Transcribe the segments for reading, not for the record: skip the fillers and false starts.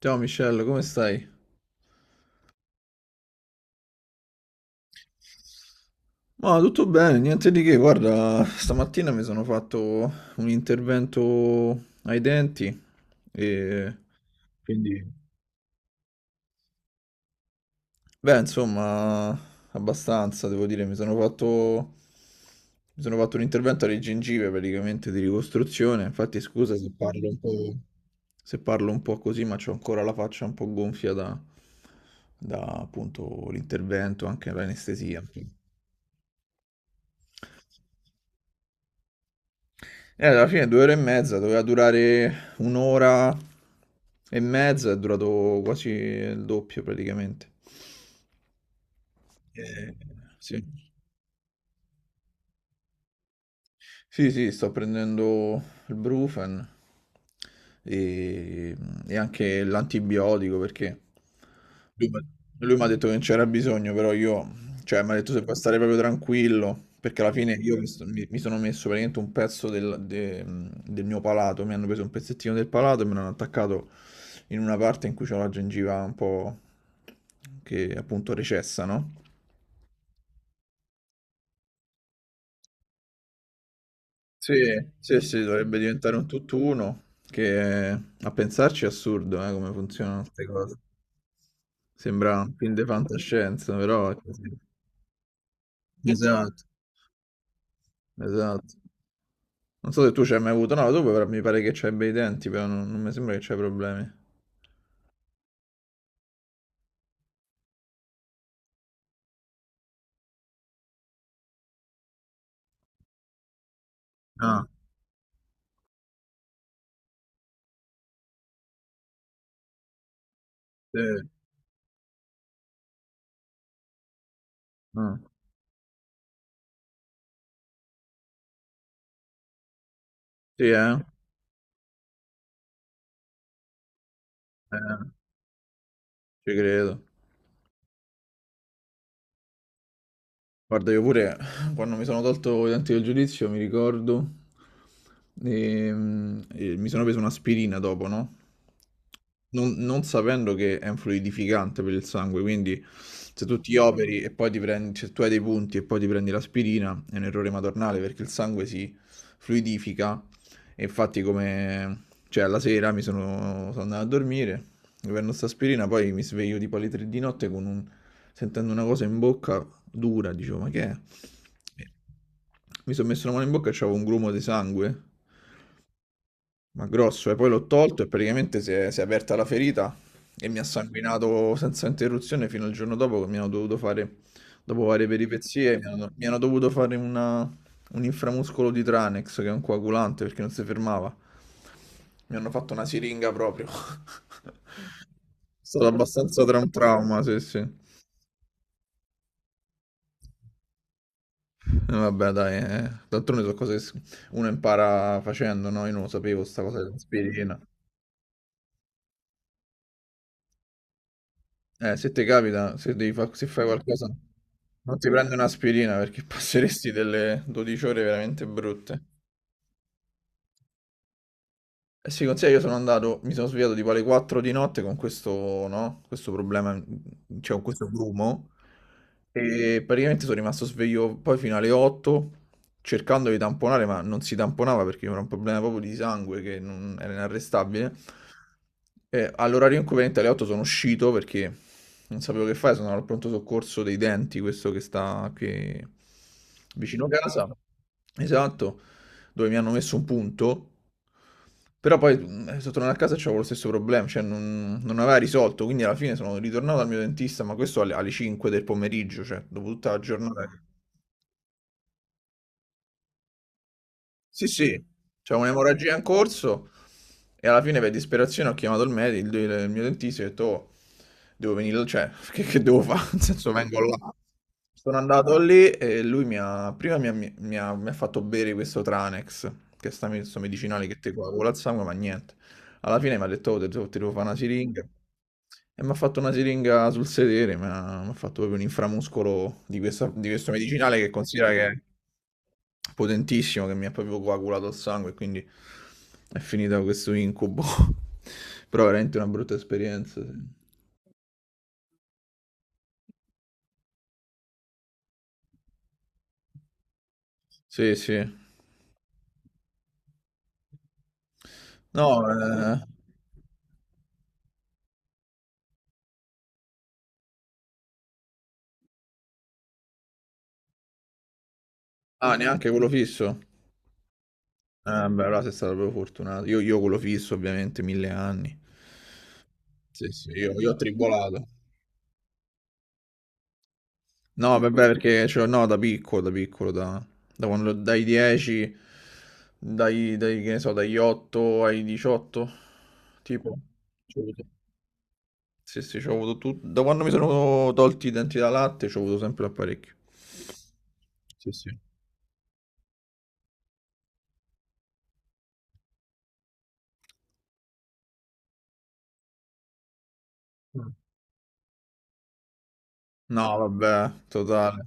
Ciao Michelle, come stai? Ma tutto bene, niente di che. Guarda, stamattina mi sono fatto un intervento ai denti e quindi, beh, insomma, abbastanza, devo dire, mi sono fatto un intervento alle gengive praticamente di ricostruzione. Infatti, scusa se parlo un po' così, ma c'ho ancora la faccia un po' gonfia da appunto l'intervento, anche l'anestesia. E alla fine 2 ore e mezza, doveva durare un'ora e mezza, è durato quasi il doppio praticamente. Eh, sì. Sì, sì, sto prendendo il Brufen e, e anche l'antibiotico perché lui, m'ha- lui mi ha detto che non c'era bisogno, però io, cioè, mi ha detto se puoi stare proprio tranquillo, perché alla fine io mi sono messo praticamente un pezzo del mio palato, mi hanno preso un pezzettino del palato e me l'hanno attaccato in una parte in cui c'ho la gengiva un po' che appunto recessa, no? Sì, sì, sì, dovrebbe diventare un tutt'uno, che a pensarci è assurdo, come funzionano queste cose. Sembra un film di fantascienza, però è così. Esatto, esatto. Non so se tu ci hai mai avuto, no, tu però mi pare che c'hai bei denti, però non mi sembra che c'hai problemi. Ah, sì, ah. Sì, eh? Eh, ci credo. Guarda, io pure quando mi sono tolto i denti del giudizio, mi ricordo, e mi sono preso un'aspirina dopo, no? Non sapendo che è un fluidificante per il sangue, quindi se tu ti operi e poi ti prendi, se tu hai dei punti e poi ti prendi l'aspirina, è un errore madornale perché il sangue si fluidifica e infatti come, cioè alla sera sono andato a dormire, mi prendo questa aspirina, poi mi sveglio tipo alle 3 di notte con un, sentendo una cosa in bocca dura, dicevo ma che è? Mi sono messo la mano in bocca e c'avevo un grumo di sangue ma grosso, e poi l'ho tolto e praticamente si è aperta la ferita e mi ha sanguinato senza interruzione fino al giorno dopo che mi hanno dovuto fare, dopo varie peripezie, mi hanno dovuto fare un inframuscolo di Tranex che è un coagulante perché non si fermava. Mi hanno fatto una siringa proprio. È stato abbastanza tra un trauma, sì, sì. Vabbè, dai, eh. D'altronde sono cose uno impara facendo, no? Io non lo sapevo, sta cosa dell'aspirina. Se ti capita, se devi fa- se fai qualcosa, non ti prendi un'aspirina perché passeresti delle 12 ore veramente brutte. Eh sì, consiglia, io sono andato, mi sono svegliato tipo alle 4 di notte con questo, no? Questo problema, cioè con questo grumo, e praticamente sono rimasto sveglio poi fino alle 8, cercando di tamponare, ma non si tamponava perché era un problema proprio di sangue che era inarrestabile. E all'orario inconveniente alle 8 sono uscito perché non sapevo che fare, sono andato al pronto soccorso dei denti, questo che sta qui vicino casa. Esatto, dove mi hanno messo un punto, però poi sono tornato a casa e c'avevo lo stesso problema, cioè non aveva risolto, quindi alla fine sono ritornato dal mio dentista, ma questo alle 5 del pomeriggio, cioè dopo tutta la giornata. Sì, sì, c'è un'emorragia in corso e alla fine per disperazione ho chiamato il medico, il mio dentista e ho detto, "Oh, devo venire, cioè, che devo fare? Nel senso, vengo là. Sono andato lì e lui prima mi ha fatto bere questo Tranex, che è sto medicinale che ti coagula il sangue, ma niente. Alla fine mi ha detto, oh, ti devo fare una siringa. E mi ha fatto una siringa sul sedere, mi ha fatto proprio un inframuscolo di questo medicinale che considera che è potentissimo, che mi ha proprio coagulato il sangue, e quindi è finita questo incubo. Però veramente una brutta esperienza. Sì, sì. Sì. No, ah, neanche quello fisso. Beh, allora sei stato proprio fortunato. Io quello fisso, ovviamente, mille anni. Sì, sì, io ho tribolato. No, vabbè, perché cioè, no, da piccolo, da piccolo, da quando, dai 10, dai, dai, che ne so, dagli 8 ai 18, tipo. C'ho avuto- Sì, sì, c'ho avuto tutto. Da quando mi sono tolti i denti da latte, c'ho avuto sempre l'apparecchio. Sì, sì. No, vabbè, totale.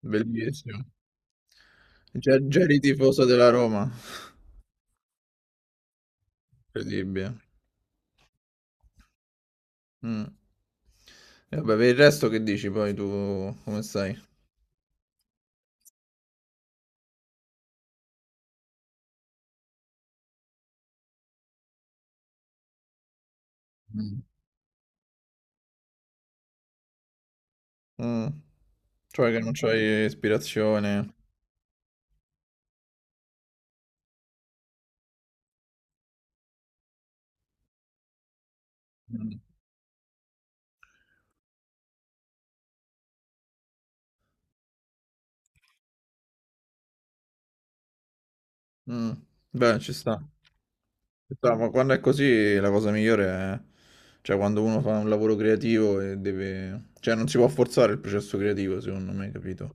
Bellissimo. Già, già eri tifoso della Roma. Incredibile. Mm. E vabbè, per il resto che dici poi tu, come stai? Mh. Cioè che non c'hai ispirazione. Mh. Mh. Beh, ci sta. Ci sta, ma quando è così la cosa migliore è cioè quando uno fa un lavoro creativo e deve cioè non si può forzare il processo creativo secondo me, capito?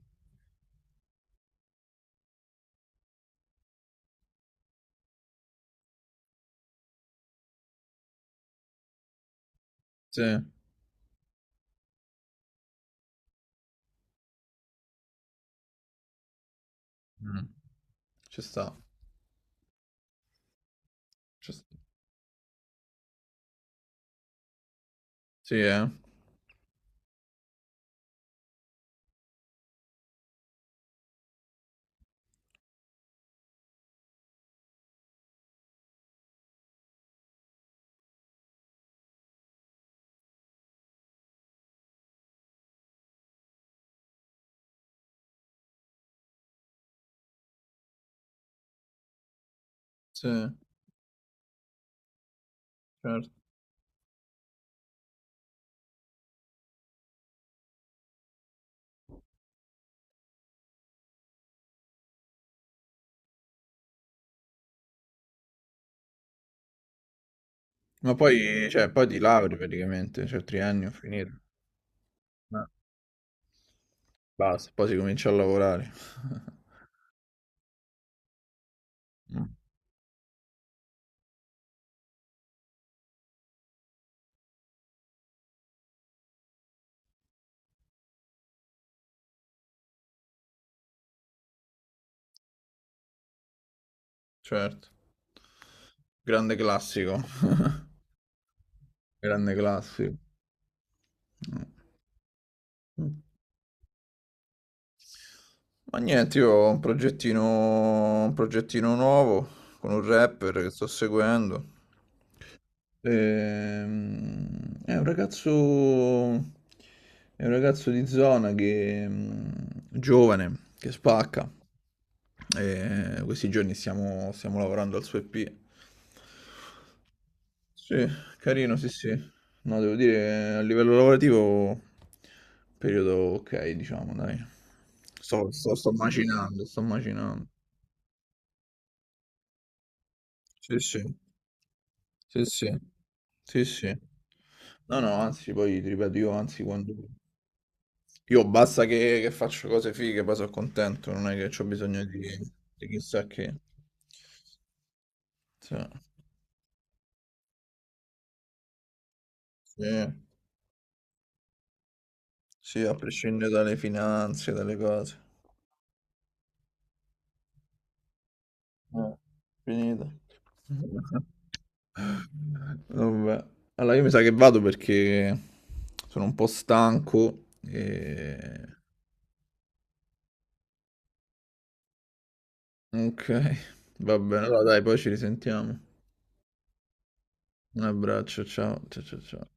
Sì. Mh. Ci sta, ci sta. Sì, eh. Sì, certo. Ma poi cioè poi ti lauri praticamente, cioè triennio finito. Eh. Basta, poi si comincia a lavorare. Mh. Certo. Grande classico. Grande classico. Mm. Ma niente, io ho un progettino nuovo con un rapper che sto seguendo. Ehm, è un ragazzo, è un ragazzo di zona che, giovane, che spacca. E questi giorni stiamo lavorando al suo EP. Sì, carino, sì, sì. No, devo dire, che a livello lavorativo, periodo ok, diciamo, dai. Sto macinando, sto macinando. Sì, sì, sì, sì, sì, sì. No, no, anzi, poi ti ripeto, io anzi, quando... Io basta che faccio cose fighe, poi sono contento, non è che ho bisogno di chissà che. Sì, sì, sì, a prescindere dalle finanze, dalle cose. Eh, finito. Vabbè. Allora io mi sa che vado perché sono un po' stanco e... Ok, va bene, allora dai, poi ci risentiamo. Un abbraccio, ciao, ciao, ciao, ciao.